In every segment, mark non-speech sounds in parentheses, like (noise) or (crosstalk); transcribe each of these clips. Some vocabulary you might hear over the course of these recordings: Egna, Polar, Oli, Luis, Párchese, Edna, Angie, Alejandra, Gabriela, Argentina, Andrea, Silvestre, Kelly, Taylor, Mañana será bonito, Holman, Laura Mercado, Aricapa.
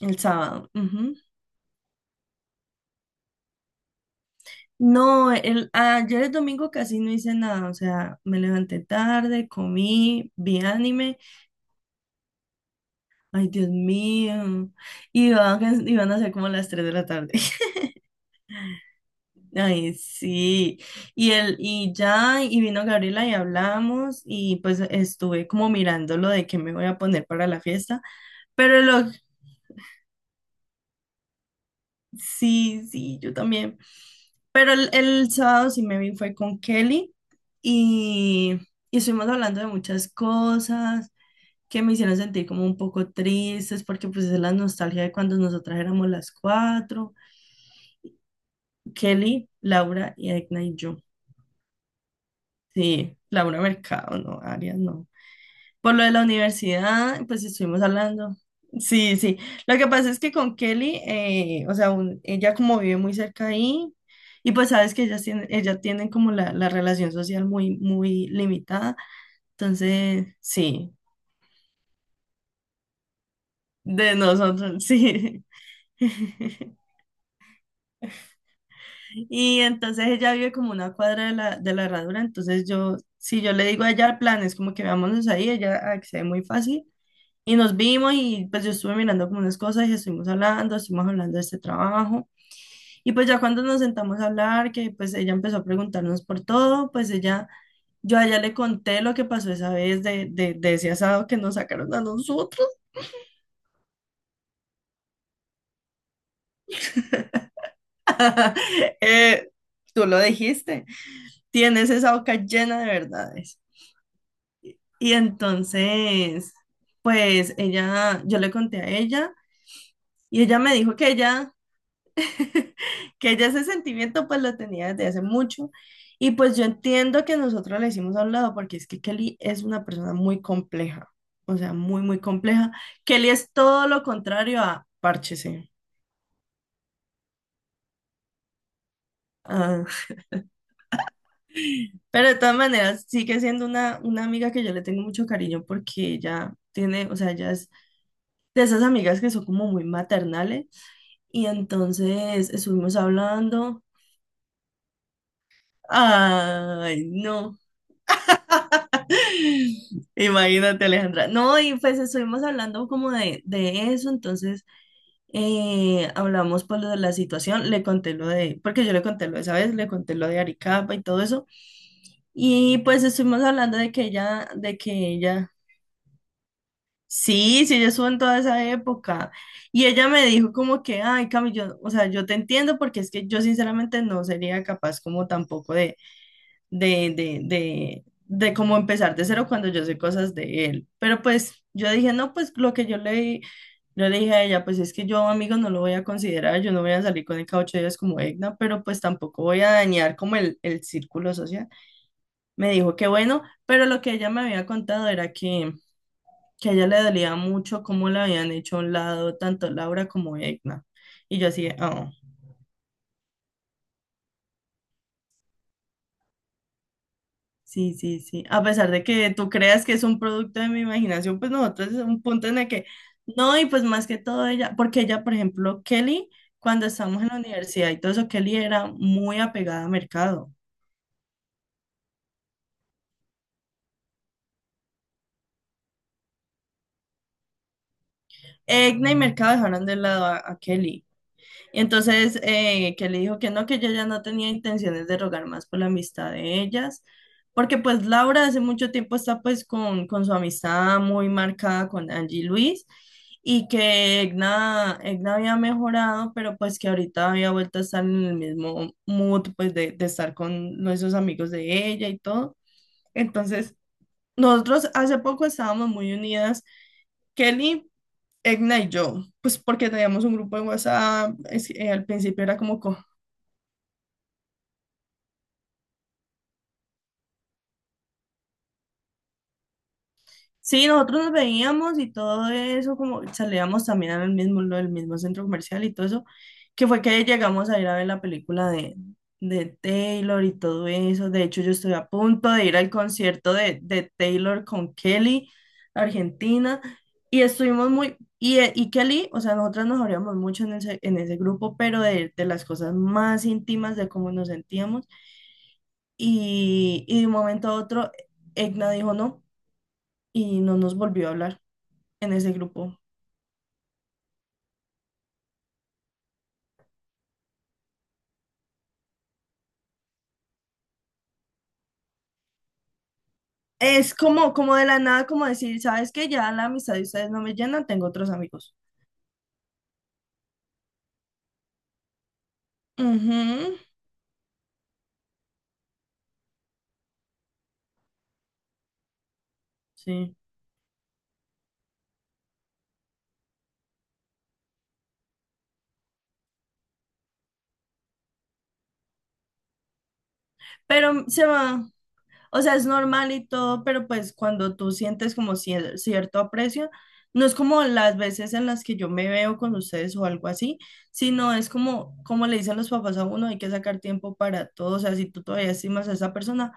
El sábado. Ujú. No, ayer el domingo casi no hice nada, o sea, me levanté tarde, comí, vi anime, ay, Dios mío, y iban a ser como las 3 de la tarde. (laughs) Ay, sí, y vino Gabriela y hablamos, y pues estuve como mirando lo de qué me voy a poner para la fiesta, pero lo Sí, sí, yo también. Pero el sábado sí me vi, fue con Kelly, y, y estuvimos hablando de muchas cosas que me hicieron sentir como un poco tristes, porque pues es la nostalgia de cuando nosotras éramos las cuatro, Kelly, Laura y Edna y yo. Sí, Laura Mercado, no, Arias, no. Por lo de la universidad, pues estuvimos hablando. Sí, sí. Lo que pasa es que con Kelly, o sea, ella como vive muy cerca ahí, y pues sabes que ellas tienen, ella tienen como la relación social muy, muy limitada. Entonces, sí, de nosotros, sí. (laughs) Y entonces ella vive como una cuadra de la, herradura, entonces yo, si yo le digo a ella el plan, es como que vámonos ahí, ella accede muy fácil. Y nos vimos y pues yo estuve mirando como unas cosas y estuvimos hablando de este trabajo. Y pues ya cuando nos sentamos a hablar, que pues ella empezó a preguntarnos por todo, pues ella, yo a ella le conté lo que pasó esa vez de ese asado que nos sacaron a nosotros. (laughs) Eh, Tú lo dijiste, tienes esa boca llena de verdades. Y entonces, pues ella, yo le conté a ella y ella me dijo que ella... (laughs) que ella ese sentimiento pues lo tenía desde hace mucho, y pues yo entiendo que nosotros le hicimos a un lado porque es que Kelly es una persona muy compleja, o sea, muy, muy compleja. Kelly es todo lo contrario a Párchese. Ah, pero de todas maneras sigue siendo una amiga que yo le tengo mucho cariño, porque ella tiene, o sea, ella es de esas amigas que son como muy maternales, y entonces estuvimos hablando. Ay, no. Imagínate, Alejandra. No, y pues estuvimos hablando como de eso, entonces hablamos por lo de la situación, le conté lo de, porque yo le conté lo de esa vez, le conté lo de Aricapa y todo eso, y pues estuvimos hablando de que ella, sí, sí, ella estuvo en toda esa época, y ella me dijo como que, ay, Cami, yo, o sea, yo te entiendo, porque es que yo sinceramente no sería capaz como tampoco de cómo empezar de cero cuando yo sé cosas de él. Pero pues yo dije, no, pues lo que yo le dije a ella, pues es que yo, amigo, no lo voy a considerar, yo no voy a salir con el cada 8 días como Egna, pero pues tampoco voy a dañar como el círculo social. Me dijo que bueno, pero lo que ella me había contado era que a ella le dolía mucho cómo la habían hecho a un lado tanto Laura como Egna. Y yo así, de, "Ah". Sí, sí, sí. A pesar de que tú creas que es un producto de mi imaginación, pues nosotros es un punto en el que, no, y pues más que todo ella, porque ella, por ejemplo, Kelly, cuando estábamos en la universidad y todo eso, Kelly era muy apegada a Mercado. Egna y Mercado dejaron de lado a, Kelly. Entonces, que le dijo que no, que ella ya no tenía intenciones de rogar más por la amistad de ellas, porque pues Laura hace mucho tiempo está pues con su amistad muy marcada con Angie y Luis, y que Egna había mejorado, pero pues que ahorita había vuelto a estar en el mismo mood pues de estar con esos amigos de ella y todo. Entonces, nosotros hace poco estábamos muy unidas, Kelly, Egna y yo, pues porque teníamos un grupo de WhatsApp, al principio era como... Sí, nosotros nos veíamos y todo eso, como salíamos también al mismo, del mismo centro comercial y todo eso, que fue que llegamos a ir a ver la película de Taylor y todo eso. De hecho, yo estoy a punto de ir al concierto de Taylor con Kelly, Argentina, y estuvimos muy, y Kelly, o sea, nosotras nos abríamos mucho en ese grupo, pero de las cosas más íntimas, de cómo nos sentíamos, y de un momento a otro, Egna dijo no, y no nos volvió a hablar en ese grupo. Es como, como de la nada, como decir, ¿sabes qué? Ya la amistad de ustedes no me llena, tengo otros amigos. Ujú, sí. Pero se va. O sea, es normal y todo, pero pues cuando tú sientes como cierto aprecio, no es como las veces en las que yo me veo con ustedes o algo así, sino es como, como le dicen los papás a uno, hay que sacar tiempo para todo. O sea, si tú todavía estimas a esa persona,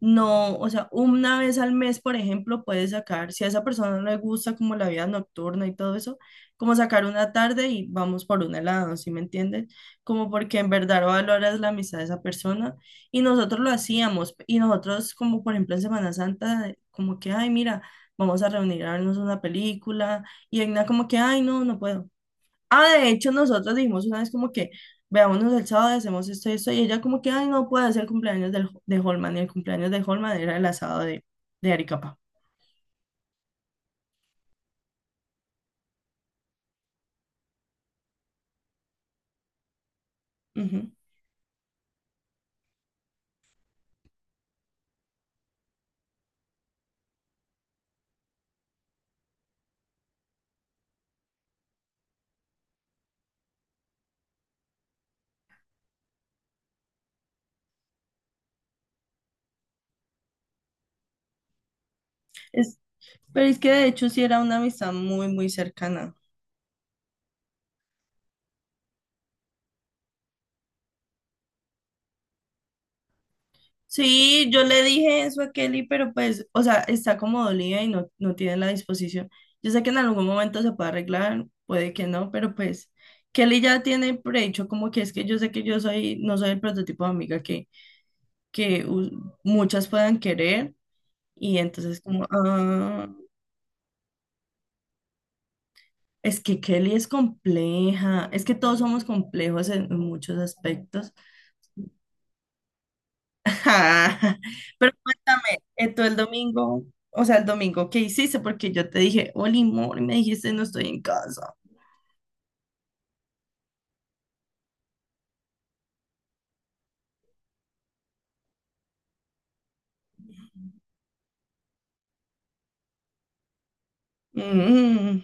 no, o sea, una vez al mes, por ejemplo, puedes sacar, si a esa persona no le gusta como la vida nocturna y todo eso, como sacar una tarde y vamos por un helado, ¿sí me entiendes? Como porque en verdad valoras la amistad de esa persona, y nosotros lo hacíamos, y nosotros como por ejemplo en Semana Santa, como que, ay, mira, vamos a reunir a vernos una película, y Egna como que, ay, no, no puedo. Ah, de hecho nosotros dijimos una vez como que, veámonos el sábado, hacemos esto, esto, y ella como que, ay, no puedo hacer el cumpleaños del, de Holman, y el cumpleaños de Holman era el asado de Aricapa. Ujú. Es, pero es que de hecho sí era una amistad muy, muy cercana. Sí, yo le dije eso a Kelly, pero pues, o sea, está como dolida y no, no tiene la disposición. Yo sé que en algún momento se puede arreglar, puede que no, pero pues Kelly ya tiene prehecho como que es que yo sé que yo soy, no soy el prototipo de amiga que muchas puedan querer, y entonces como, ah, es que Kelly es compleja, es que todos somos complejos en muchos aspectos. Ja, pero cuéntame, tú el domingo, o sea, el domingo, ¿qué hiciste? Porque yo te dije, Oli, amor, y me dijiste, no estoy en casa. Mm,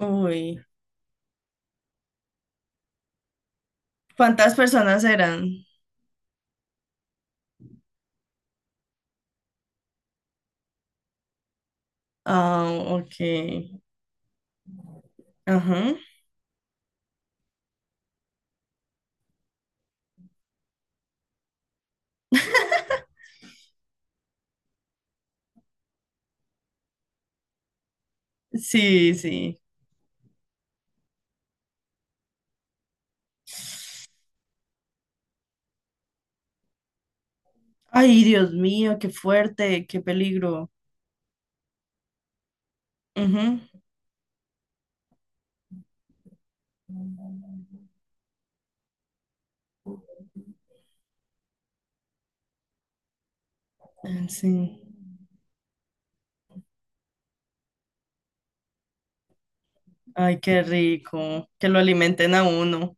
uy, ¿cuántas personas eran? Ah, ok, ajá, sí, sí. Ay, Dios mío, qué fuerte, qué peligro. Ujú, ah, sí, ay, qué rico, que lo alimenten a uno,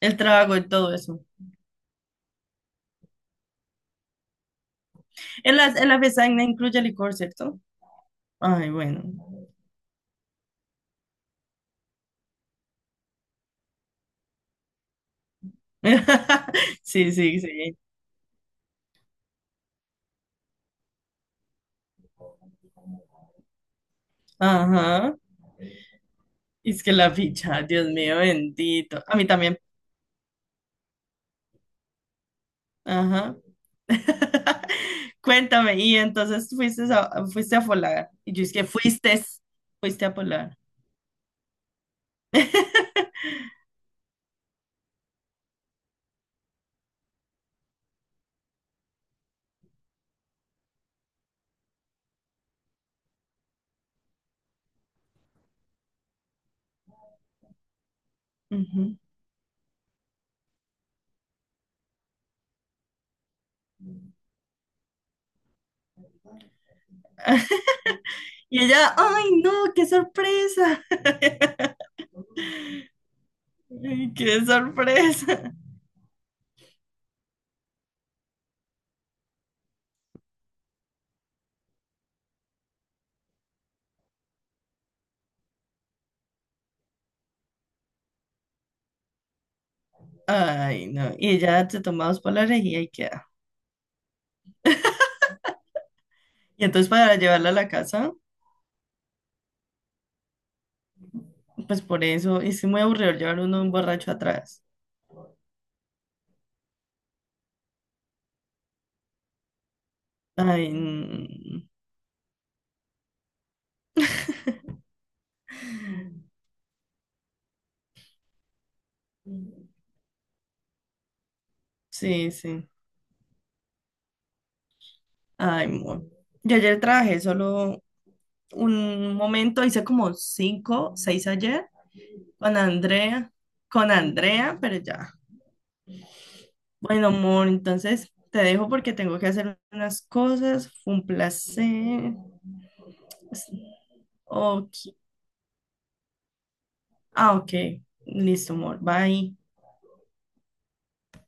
el trago y todo eso. En la besaña incluye licor, ¿cierto? Ay, bueno. (laughs) Sí, sí, sí. Ajá. Y es que la ficha, Dios mío, bendito. A mí también. Ajá. (laughs) Cuéntame, y entonces fuiste a Polar. Y yo es que fuiste a Polar. (laughs) Ujú. Y ella, ay, no, qué sorpresa. (laughs) Ay, qué sorpresa. (laughs) Ay, no. Y ella se toma dos polares y ahí queda. Y entonces para llevarla a la casa, pues por eso, es muy aburrido llevar uno un borracho atrás. Ay, sí, sí. Ay, amor. Yo ayer trabajé solo un momento, hice como cinco, seis ayer con Andrea, pero ya. Bueno, amor, entonces te dejo porque tengo que hacer unas cosas. Fue un placer. Ok. Ah, ok. Listo, amor. Bye.